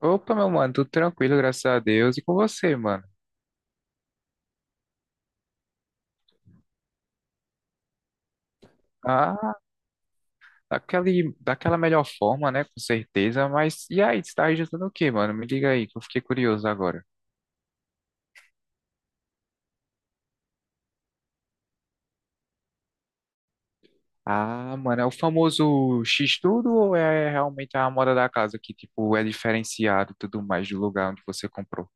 Opa, meu mano, tudo tranquilo, graças a Deus. E com você, mano? Ah, daquela melhor forma, né? Com certeza. Mas e aí, você tá registrando o quê, mano? Me diga aí, que eu fiquei curioso agora. Ah, mano, é o famoso X-Tudo ou é realmente a moda da casa que, tipo, é diferenciado e tudo mais do lugar onde você comprou?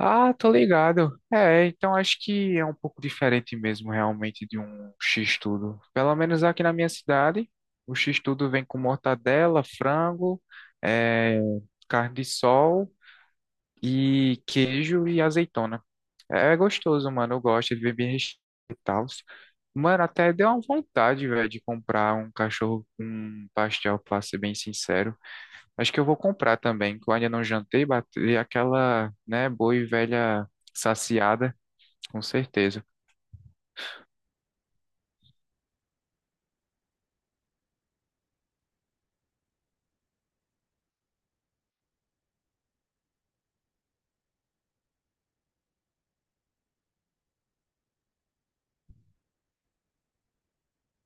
Ah, tô ligado. É, então acho que é um pouco diferente mesmo, realmente, de um X-tudo. Pelo menos aqui na minha cidade, o X-tudo vem com mortadela, frango, é, carne de sol e queijo e azeitona. É gostoso, mano. Eu gosto, ele vem bem recheado e tal. Mano, até deu uma vontade, velho, de comprar um cachorro com um pastel, pra ser bem sincero. Acho que eu vou comprar também, que eu ainda não jantei, bater aquela, né, boa e velha saciada, com certeza.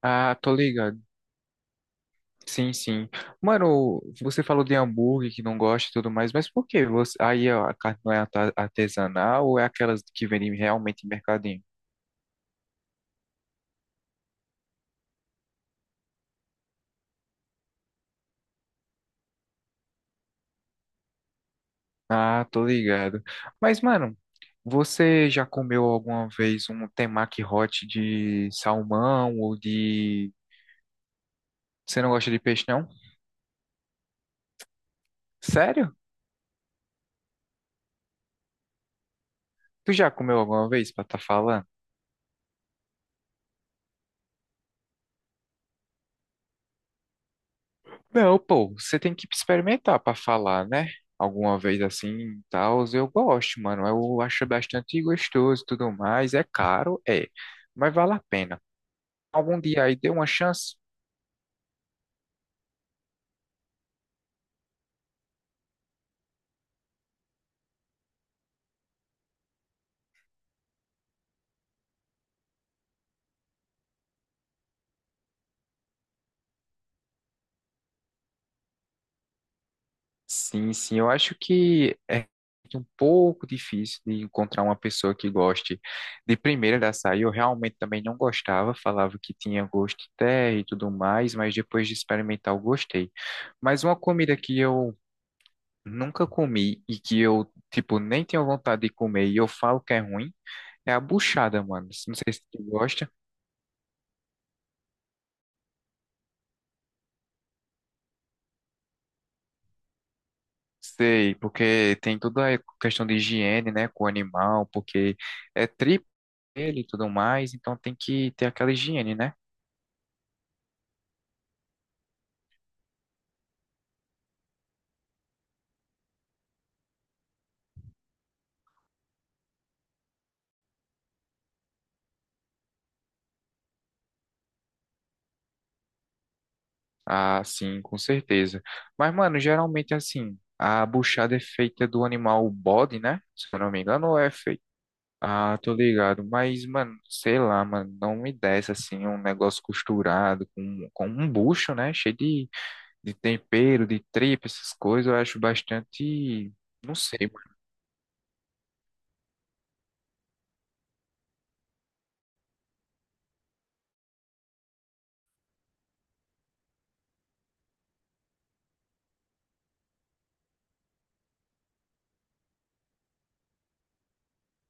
Ah, tô ligado. Sim, sim. Mano, você falou de hambúrguer que não gosta e tudo mais, mas por que você... aí ó, a carne não é artesanal ou é aquelas que vendem realmente em mercadinho? Ah, tô ligado. Mas, mano, você já comeu alguma vez um temaki hot de salmão ou de... Você não gosta de peixe, não? Sério? Tu já comeu alguma vez pra tá falando? Não, pô, você tem que experimentar pra falar, né? Alguma vez assim, e tal, eu gosto, mano. Eu acho bastante gostoso e tudo mais. É caro, é, mas vale a pena. Algum dia aí deu uma chance? Sim, sim, eu acho que é um pouco difícil de encontrar uma pessoa que goste de primeira da açaí. Eu realmente também não gostava, falava que tinha gosto de terra e tudo mais, mas depois de experimentar eu gostei. Mas uma comida que eu nunca comi e que eu, tipo, nem tenho vontade de comer e eu falo que é ruim, é a buchada, mano. Não sei se tu gosta. Sei, porque tem toda a questão de higiene, né, com o animal, porque é tripa ele e tudo mais, então tem que ter aquela higiene, né? Ah, sim, com certeza. Mas, mano, geralmente assim, a buchada é feita do animal bode, né? Se eu não me engano, ou é feita. Ah, tô ligado. Mas, mano, sei lá, mano, não me desce assim um negócio costurado com, um bucho, né? Cheio de tempero, de tripa, essas coisas. Eu acho bastante. Não sei, mano.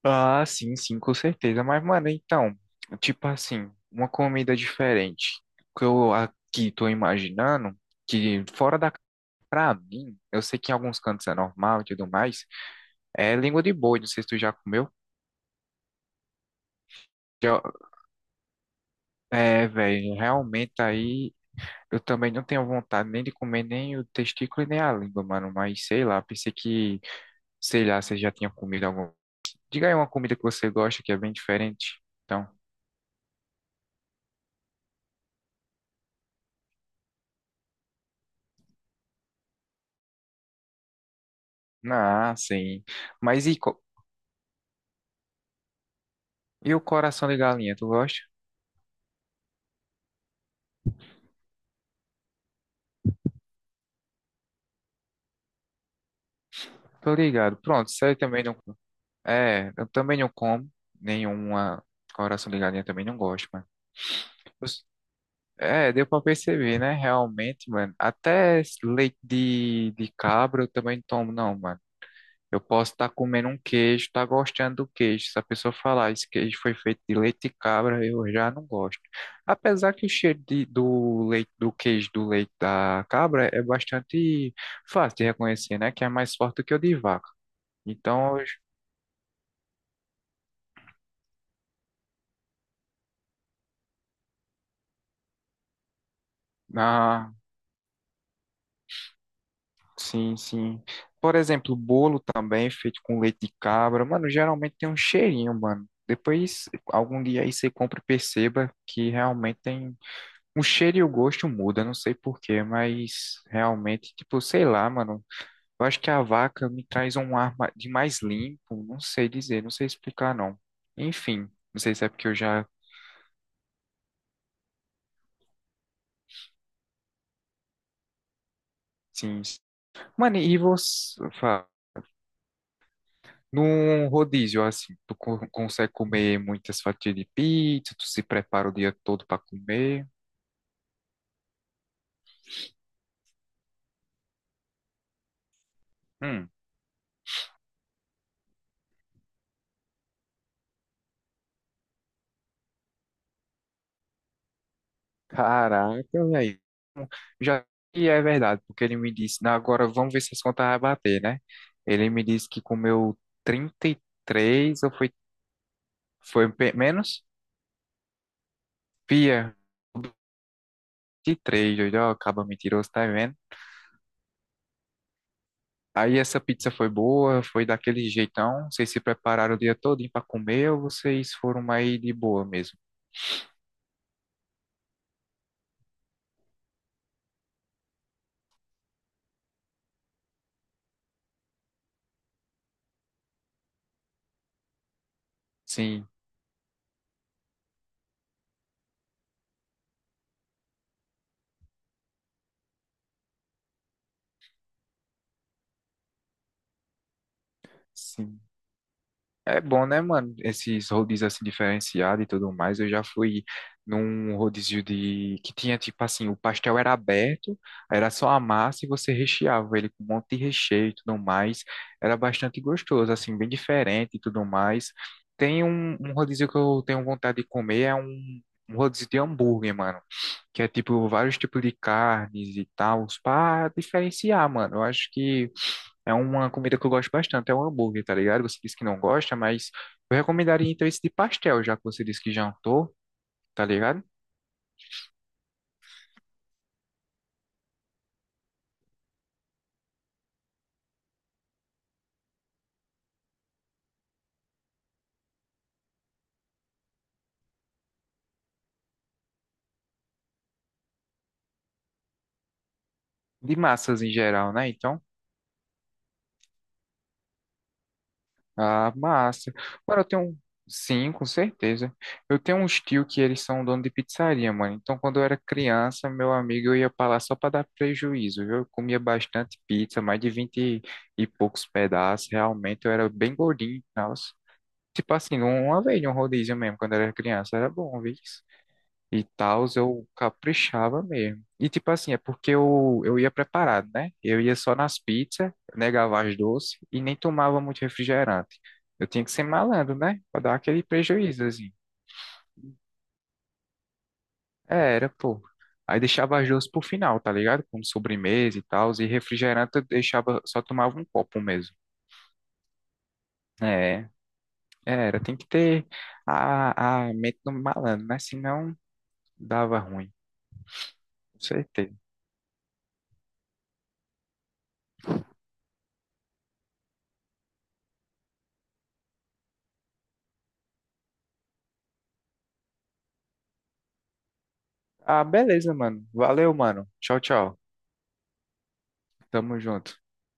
Ah, sim, sim, com certeza. Mas, mano, então, tipo assim, uma comida diferente. O que eu aqui tô imaginando, que fora da. Pra mim, eu sei que em alguns cantos é normal e tudo mais. É língua de boi, não sei se tu já comeu. Já- É, velho, realmente aí. Eu também não tenho vontade nem de comer nem o testículo e nem a língua, mano. Mas sei lá, pensei que, sei lá, você já tinha comido alguma. Diga aí uma comida que você gosta que é bem diferente. Então, ah, sim. Mas e, e o coração de galinha, tu gosta? Tô ligado. Pronto, você também não. É, eu também não como nenhuma coração de galinha, também não gosto, mano. Eu s- É, deu pra perceber, né? Realmente, mano. Até leite de cabra eu também não tomo, não, mano. Eu posso estar comendo um queijo, estar gostando do queijo. Se a pessoa falar, esse queijo foi feito de leite de cabra, eu já não gosto. Apesar que o cheiro do leite, do queijo do leite da cabra é bastante fácil de reconhecer, né? Que é mais forte do que o de vaca. Então, ah, sim, sim. Por exemplo, bolo também é feito com leite de cabra, mano, geralmente tem um cheirinho, mano. Depois, algum dia aí você compra e perceba que realmente tem. O cheiro e o gosto muda, não sei por quê, mas realmente, tipo, sei lá, mano. Eu acho que a vaca me traz um ar de mais limpo, não sei dizer, não sei explicar, não. Enfim, não sei se é porque eu já, sim. Mano, e você, num rodízio, assim, tu consegue comer muitas fatias de pizza, tu se prepara o dia todo pra comer. Hum. Caraca, velho. Já que é verdade, porque ele me disse, "Não, agora vamos ver se as contas vai bater, né? Ele me disse que comeu 33 ou foi menos? Pia, 23, doido, ó, acaba mentiroso, tá vendo? Aí essa pizza foi boa, foi daquele jeitão. Vocês se prepararam o dia todo para comer ou vocês foram mais de boa mesmo? Sim, sim. É bom, né, mano? Esses rodízios assim diferenciados e tudo mais. Eu já fui num rodízio de que tinha tipo assim, o pastel era aberto, era só a massa e você recheava ele com um monte de recheio e tudo mais. Era bastante gostoso, assim, bem diferente e tudo mais. Tem um, um, rodízio que eu tenho vontade de comer, é um rodízio de hambúrguer, mano, que é tipo vários tipos de carnes e tal, pra diferenciar, mano. Eu acho que é uma comida que eu gosto bastante, é um hambúrguer, tá ligado? Você disse que não gosta, mas eu recomendaria então esse de pastel, já que você disse que jantou, tá ligado? De massas em geral, né? Então, a massa. Agora eu tenho. Sim, com certeza. Eu tenho uns tio que eles são dono de pizzaria, mano. Então, quando eu era criança, meu amigo, eu ia pra lá só pra dar prejuízo, viu? Eu comia bastante pizza, mais de 20 e poucos pedaços. Realmente, eu era bem gordinho e tipo assim, uma vez, um rodízio mesmo, quando eu era criança, era bom, viu? E tal, eu caprichava mesmo. E tipo assim, é porque eu, ia preparado, né? Eu ia só nas pizzas, negava as doces e nem tomava muito refrigerante. Eu tinha que ser malandro, né? Pra dar aquele prejuízo, assim. É, era, pô. Aí deixava as doces pro final, tá ligado? Como sobremesa e tal, e refrigerante eu deixava, só tomava um copo mesmo. É, é, era, tem que ter a, mente do malandro, né? Senão dava ruim, com certeza. Ah, beleza, mano. Valeu, mano. Tchau, tchau. Tamo junto.